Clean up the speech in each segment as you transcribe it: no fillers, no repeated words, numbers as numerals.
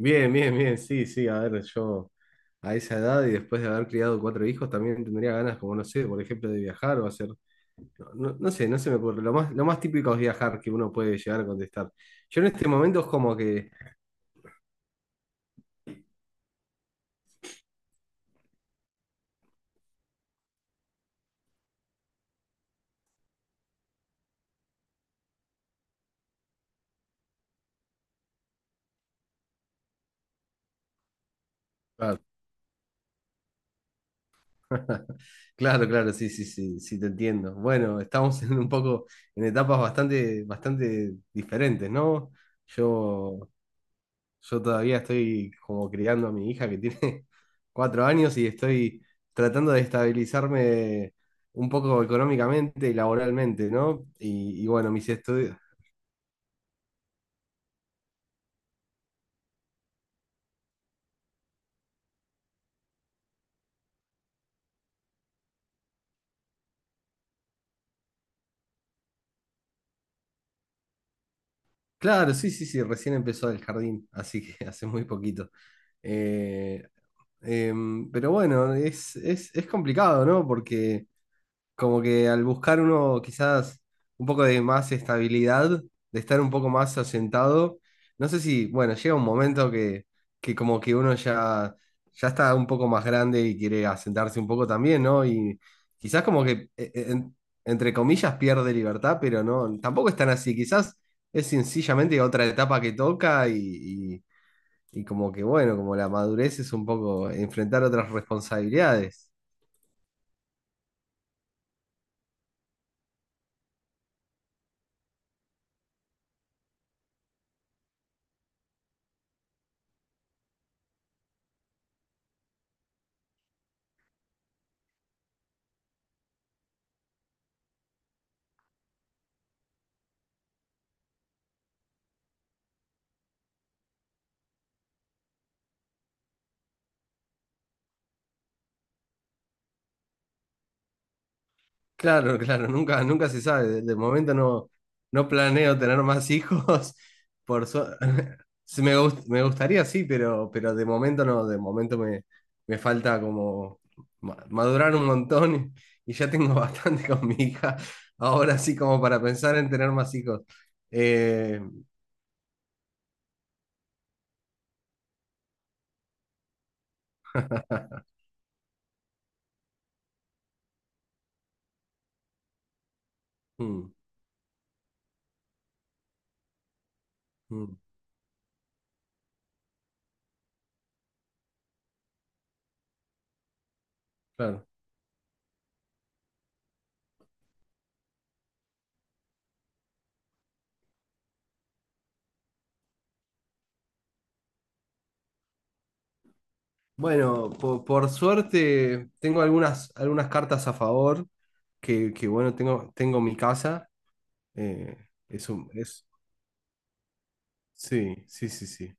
Bien, bien, bien, sí, sí, a ver, yo a esa edad y después de haber criado cuatro hijos también tendría ganas, como no sé, por ejemplo, de viajar o hacer, no, no sé, no se me ocurre, lo más típico es viajar que uno puede llegar a contestar. Yo en este momento es como que, claro, claro, claro, sí, sí, sí, sí, te entiendo. Bueno, estamos en un poco, en etapas bastante, bastante diferentes, ¿no? Yo Yo todavía estoy como criando a mi hija que tiene cuatro años y estoy tratando de estabilizarme un poco económicamente y laboralmente, ¿no? Y bueno, mis estudios. Claro, sí, sí, sí, recién empezó el jardín, así que hace muy poquito. Eh, pero bueno, es complicado, ¿no? Porque como que al buscar uno quizás un poco de más estabilidad, de estar un poco más asentado, no sé si, bueno, llega un momento que como que uno ya, ya está un poco más grande y quiere asentarse un poco también, ¿no? Y quizás como que, entre comillas, pierde libertad, pero no, tampoco es tan así, quizás es sencillamente otra etapa que toca y como que, bueno, como la madurez es un poco enfrentar otras responsabilidades. Claro, claro, nunca, nunca se sabe. De momento no, no planeo tener más hijos. Por su- Sí, me gustaría, sí, pero de momento no. De momento me, me falta como madurar un montón y ya tengo bastante con mi hija. Ahora sí, como para pensar en tener más hijos. Eh, Mm, mm, claro. Bueno, por suerte tengo algunas, algunas cartas a favor, que bueno, tengo, tengo mi casa. Eh, es un, es, sí, sí, sí, sí.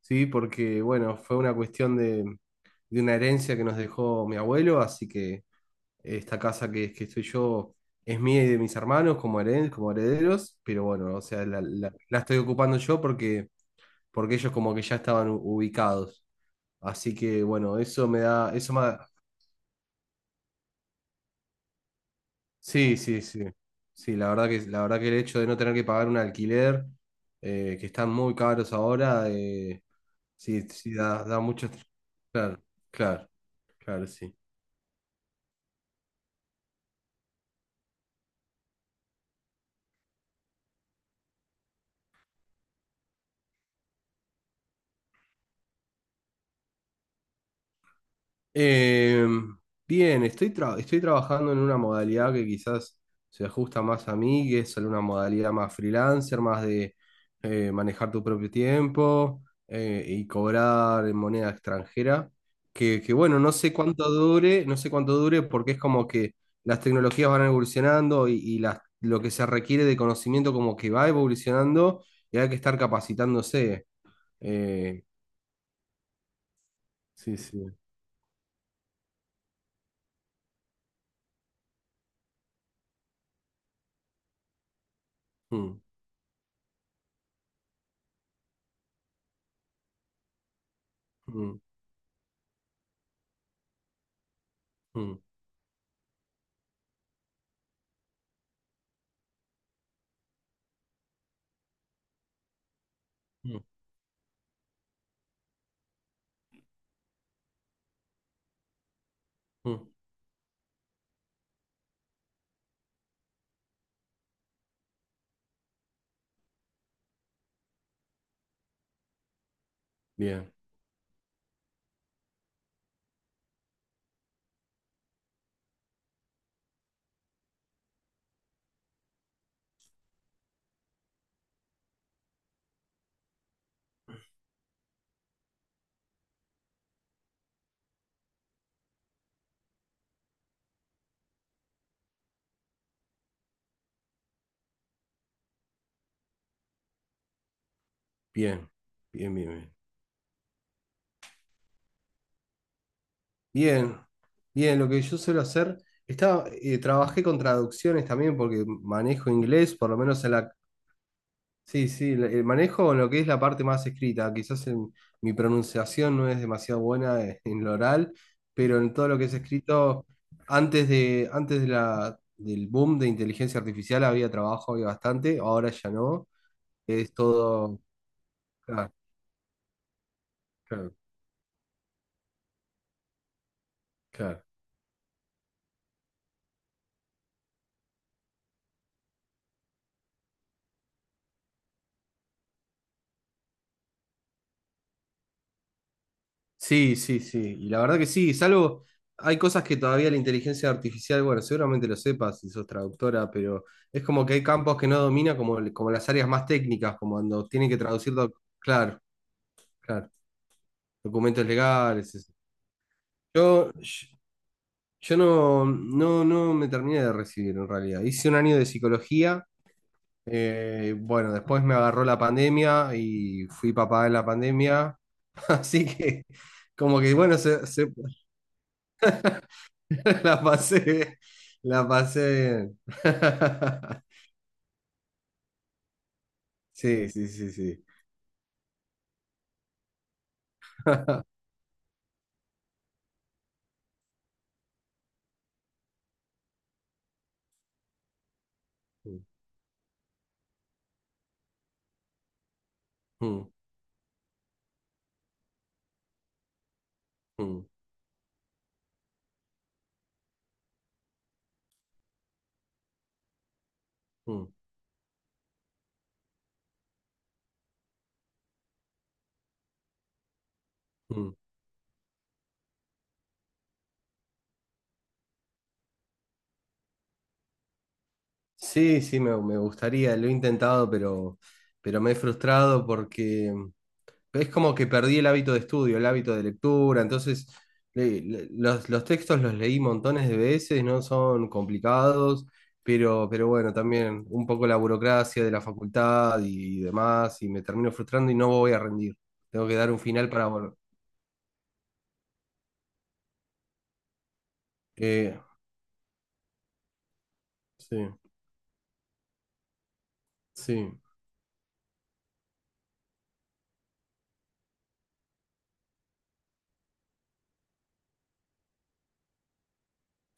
Sí, porque bueno, fue una cuestión de una herencia que nos dejó mi abuelo, así que esta casa que estoy yo es mía y de mis hermanos como, como herederos, pero bueno, o sea, la, la estoy ocupando yo porque, porque ellos como que ya estaban ubicados. Así que bueno, eso me da, eso me... Sí, sí, sí. Sí, la verdad que el hecho de no tener que pagar un alquiler, que están muy caros ahora, sí, sí, da, da muchas... Claro, claro, claro, sí. Eh, bien, estoy, estoy trabajando en una modalidad que quizás se ajusta más a mí, que es una modalidad más freelancer, más de manejar tu propio tiempo, y cobrar en moneda extranjera. Que bueno, no sé cuánto dure, no sé cuánto dure porque es como que las tecnologías van evolucionando y lo que se requiere de conocimiento como que va evolucionando y hay que estar capacitándose. Eh, sí, sí. Mm, mm, mm, mm, mm. Bien, bien, bien, bien, bien. Bien, bien, lo que yo suelo hacer, estaba, trabajé con traducciones también porque manejo inglés, por lo menos en la... Sí, sí, manejo lo que es la parte más escrita, quizás en, mi pronunciación no es demasiado buena, en lo oral, pero en todo lo que es escrito, antes de la, del boom de inteligencia artificial había trabajo, había bastante, ahora ya no, es todo... Claro, claro, claro. Sí, sí, sí. Y la verdad que sí, salvo hay cosas que todavía la inteligencia artificial, bueno, seguramente lo sepas si sos traductora, pero es como que hay campos que no domina, como, como las áreas más técnicas, como cuando tienen que traducir, claro, claro, documentos legales. Eso. Yo, yo yo no, no, no me terminé de recibir en realidad. Hice un año de psicología, bueno, después me agarró la pandemia y fui papá en la pandemia, así que como que bueno, la pasé bien, la pasé bien. Sí, sí, sí, sí. Mm, mm, mm, mm, mm. Sí, sí, me gustaría, lo he intentado, pero me he frustrado porque es como que perdí el hábito de estudio, el hábito de lectura, entonces los textos los leí montones de veces, no son complicados, pero bueno, también un poco la burocracia de la facultad y demás, y me termino frustrando y no voy a rendir. Tengo que dar un final para Eh, sí, sí.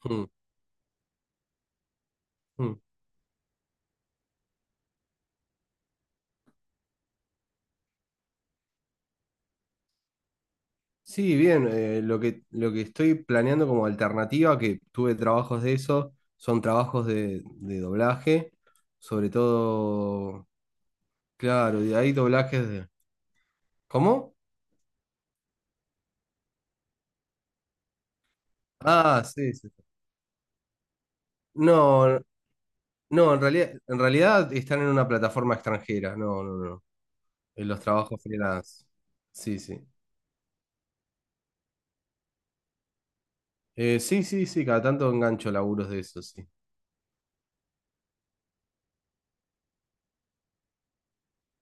Mm, mm. Sí, bien, lo que estoy planeando como alternativa, que tuve trabajos de eso, son trabajos de doblaje, sobre todo, claro, y hay doblajes de... ¿Cómo? Ah, sí, sí, sí. No, no, en realidad están en una plataforma extranjera, no, no, no, en los trabajos freelance. Sí, sí. Sí, sí, sí, cada tanto engancho laburos de eso, sí.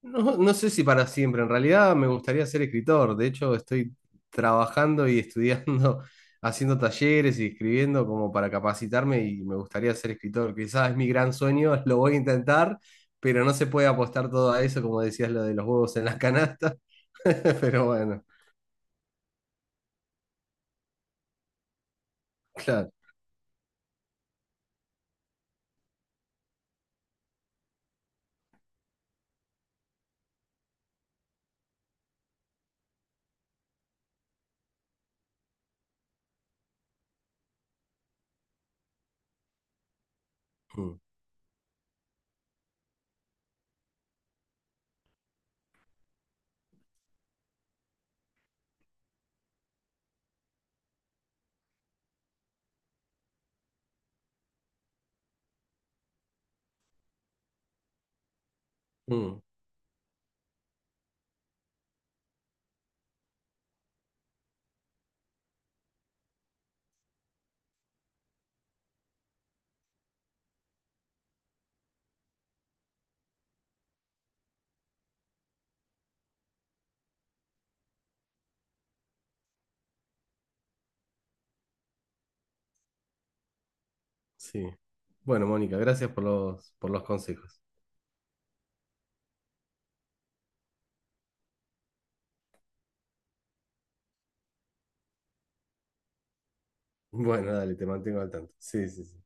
No, no sé si para siempre, en realidad me gustaría ser escritor, de hecho estoy trabajando y estudiando, haciendo talleres y escribiendo como para capacitarme y me gustaría ser escritor, quizás es mi gran sueño, lo voy a intentar, pero no se puede apostar todo a eso, como decías lo de los huevos en la canasta, pero bueno, claro. Mm, mm, sí. Bueno, Mónica, gracias por los consejos. Bueno, dale, te mantengo al tanto. Sí, sí, sí.